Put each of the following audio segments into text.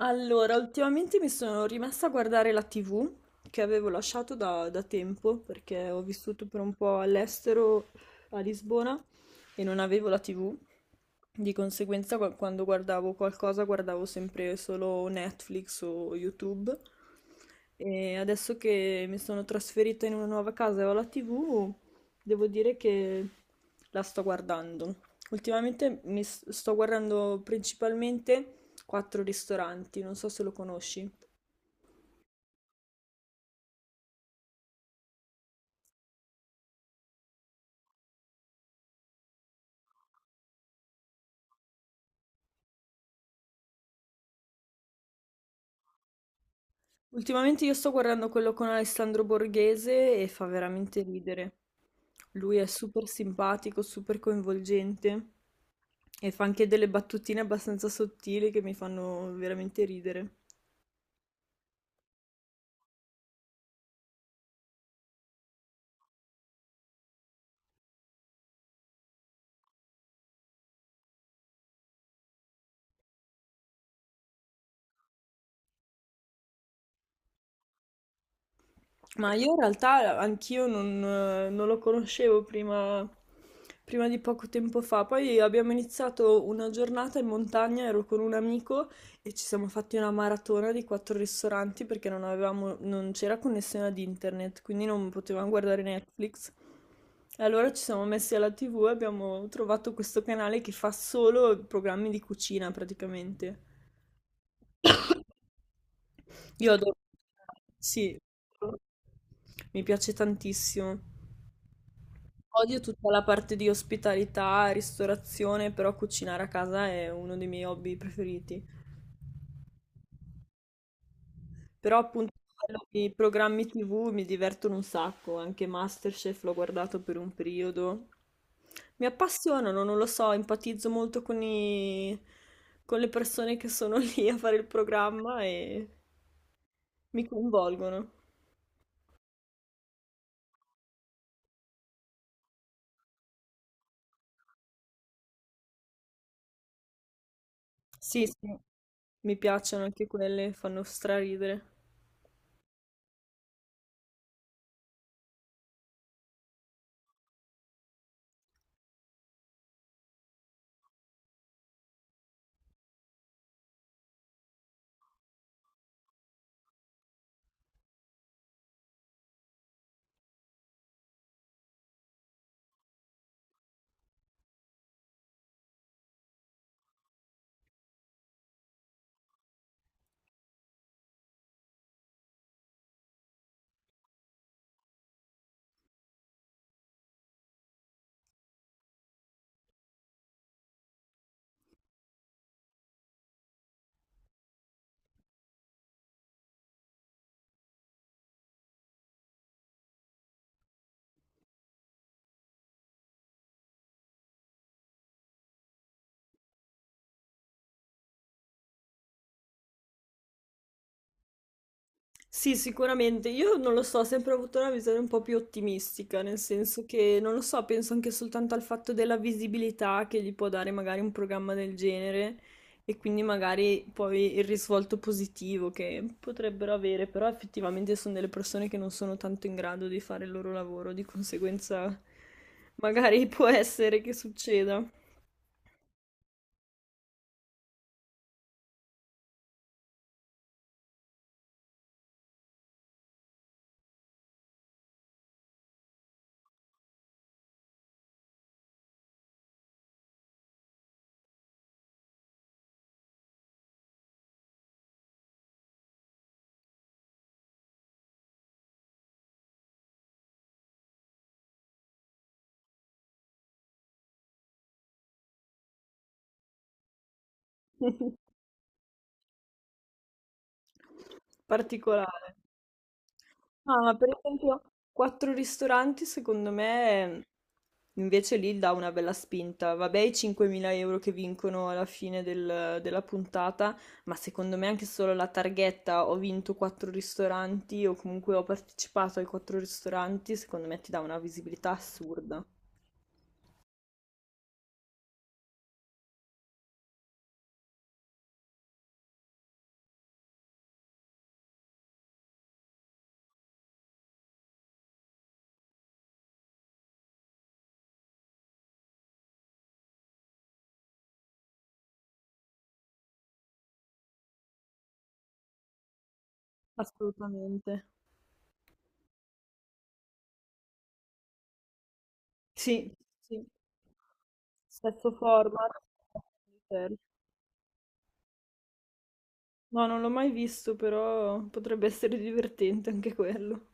Allora, ultimamente mi sono rimessa a guardare la TV che avevo lasciato da tempo perché ho vissuto per un po' all'estero a Lisbona e non avevo la TV. Di conseguenza, quando guardavo qualcosa, guardavo sempre solo Netflix o YouTube. E adesso che mi sono trasferita in una nuova casa e ho la TV, devo dire che la sto guardando. Ultimamente sto guardando principalmente quattro ristoranti, non so se lo conosci. Ultimamente io sto guardando quello con Alessandro Borghese e fa veramente ridere. Lui è super simpatico, super coinvolgente e fa anche delle battutine abbastanza sottili che mi fanno veramente ridere. Ma io in realtà anch'io non, non lo conoscevo prima, prima di poco tempo fa. Poi abbiamo iniziato una giornata in montagna, ero con un amico e ci siamo fatti una maratona di quattro ristoranti perché non c'era connessione ad internet, quindi non potevamo guardare Netflix. E allora ci siamo messi alla TV e abbiamo trovato questo canale che fa solo programmi di cucina praticamente. Io adoro. Sì, mi piace tantissimo. Odio tutta la parte di ospitalità, ristorazione, però cucinare a casa è uno dei miei hobby preferiti. Però appunto i programmi TV mi divertono un sacco, anche MasterChef l'ho guardato per un periodo. Mi appassionano, non lo so, empatizzo molto con i... con le persone che sono lì a fare il programma e mi coinvolgono. Sì, sì, mi piacciono anche quelle, fanno straridere. Sì, sicuramente. Io non lo so, ho sempre avuto una visione un po' più ottimistica, nel senso che, non lo so, penso anche soltanto al fatto della visibilità che gli può dare magari un programma del genere e quindi magari poi il risvolto positivo che potrebbero avere, però effettivamente sono delle persone che non sono tanto in grado di fare il loro lavoro, di conseguenza magari può essere che succeda. Particolare. No, ma per esempio, quattro ristoranti, secondo me, invece lì dà una bella spinta. Vabbè, i 5.000 euro che vincono alla fine della puntata, ma secondo me anche solo la targhetta ho vinto quattro ristoranti o comunque ho partecipato ai quattro ristoranti, secondo me ti dà una visibilità assurda. Assolutamente. Sì, sì. Stesso format. Certo. No, non l'ho mai visto, però potrebbe essere divertente anche quello.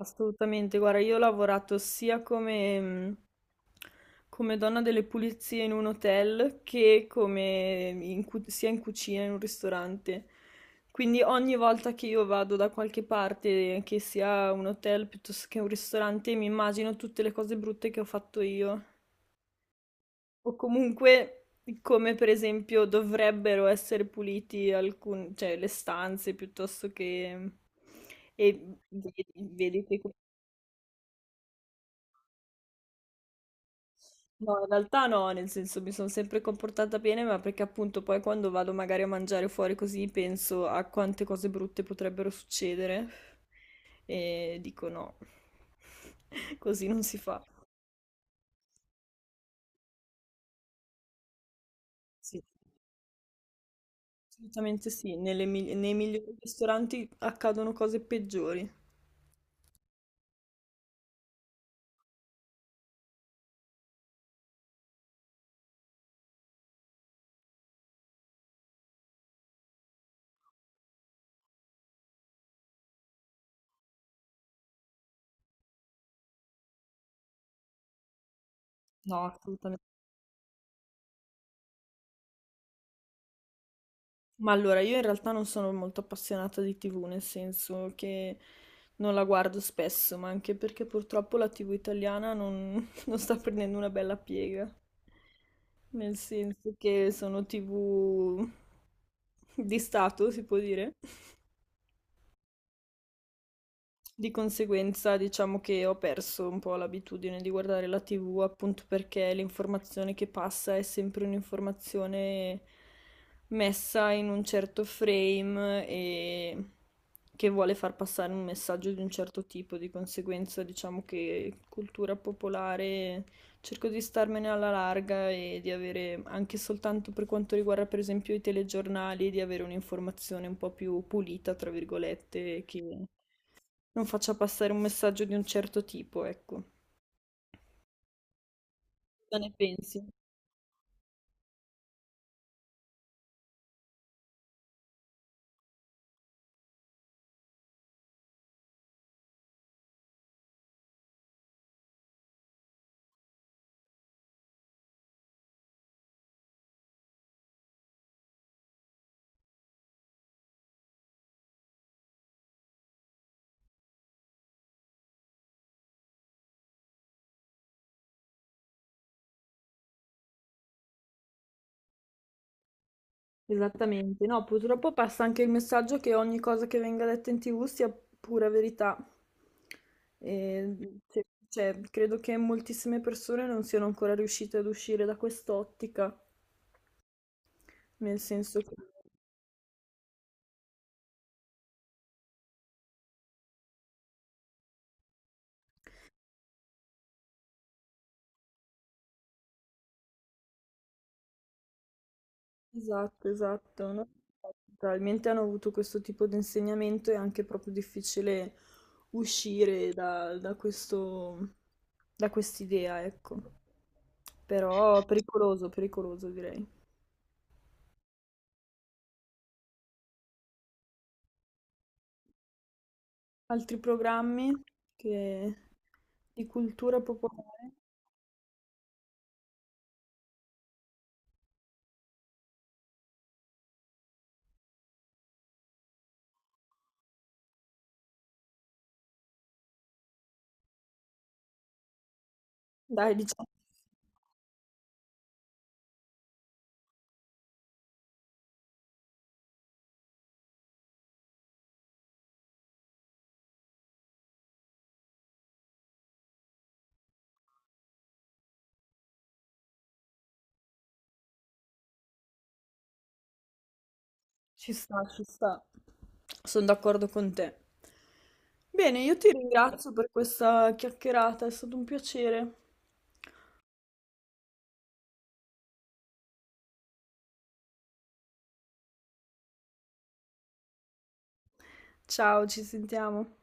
Assolutamente, guarda, io ho lavorato come donna delle pulizie in un hotel che come sia in cucina in un ristorante. Quindi ogni volta che io vado da qualche parte, che sia un hotel piuttosto che un ristorante, mi immagino tutte le cose brutte che ho fatto io. O comunque come per esempio dovrebbero essere puliti cioè, le stanze piuttosto che... mhmm, e vedi che no, in realtà no, nel senso mi sono sempre comportata bene, ma perché appunto poi quando vado magari a mangiare fuori così penso a quante cose brutte potrebbero succedere e dico no, così non si fa. Sì, assolutamente sì, nei migliori ristoranti accadono cose peggiori. No, assolutamente. Ma allora, io in realtà non sono molto appassionata di TV, nel senso che non la guardo spesso, ma anche perché purtroppo la TV italiana non, non sta prendendo una bella piega, nel senso che sono TV di Stato, si può dire. Di conseguenza diciamo che ho perso un po' l'abitudine di guardare la TV appunto perché l'informazione che passa è sempre un'informazione messa in un certo frame e che vuole far passare un messaggio di un certo tipo, di conseguenza diciamo che cultura popolare cerco di starmene alla larga e di avere anche soltanto per quanto riguarda per esempio i telegiornali, di avere un'informazione un po' più pulita, tra virgolette, che non faccia passare un messaggio di un certo tipo, ecco. Cosa ne pensi? Esattamente. No, purtroppo passa anche il messaggio che ogni cosa che venga detta in TV sia pura verità. E, cioè, Credo che moltissime persone non siano ancora riuscite ad uscire da quest'ottica, nel senso che esatto No? Probabilmente hanno avuto questo tipo di insegnamento e è anche proprio difficile uscire da questo, da quest'idea, ecco. Però pericoloso direi. Altri programmi che- di cultura popolare? Dai, diciamo, ci sta. Sono d'accordo con te. Bene, io ti ringrazio per questa chiacchierata, è stato un piacere. Ciao, ci sentiamo.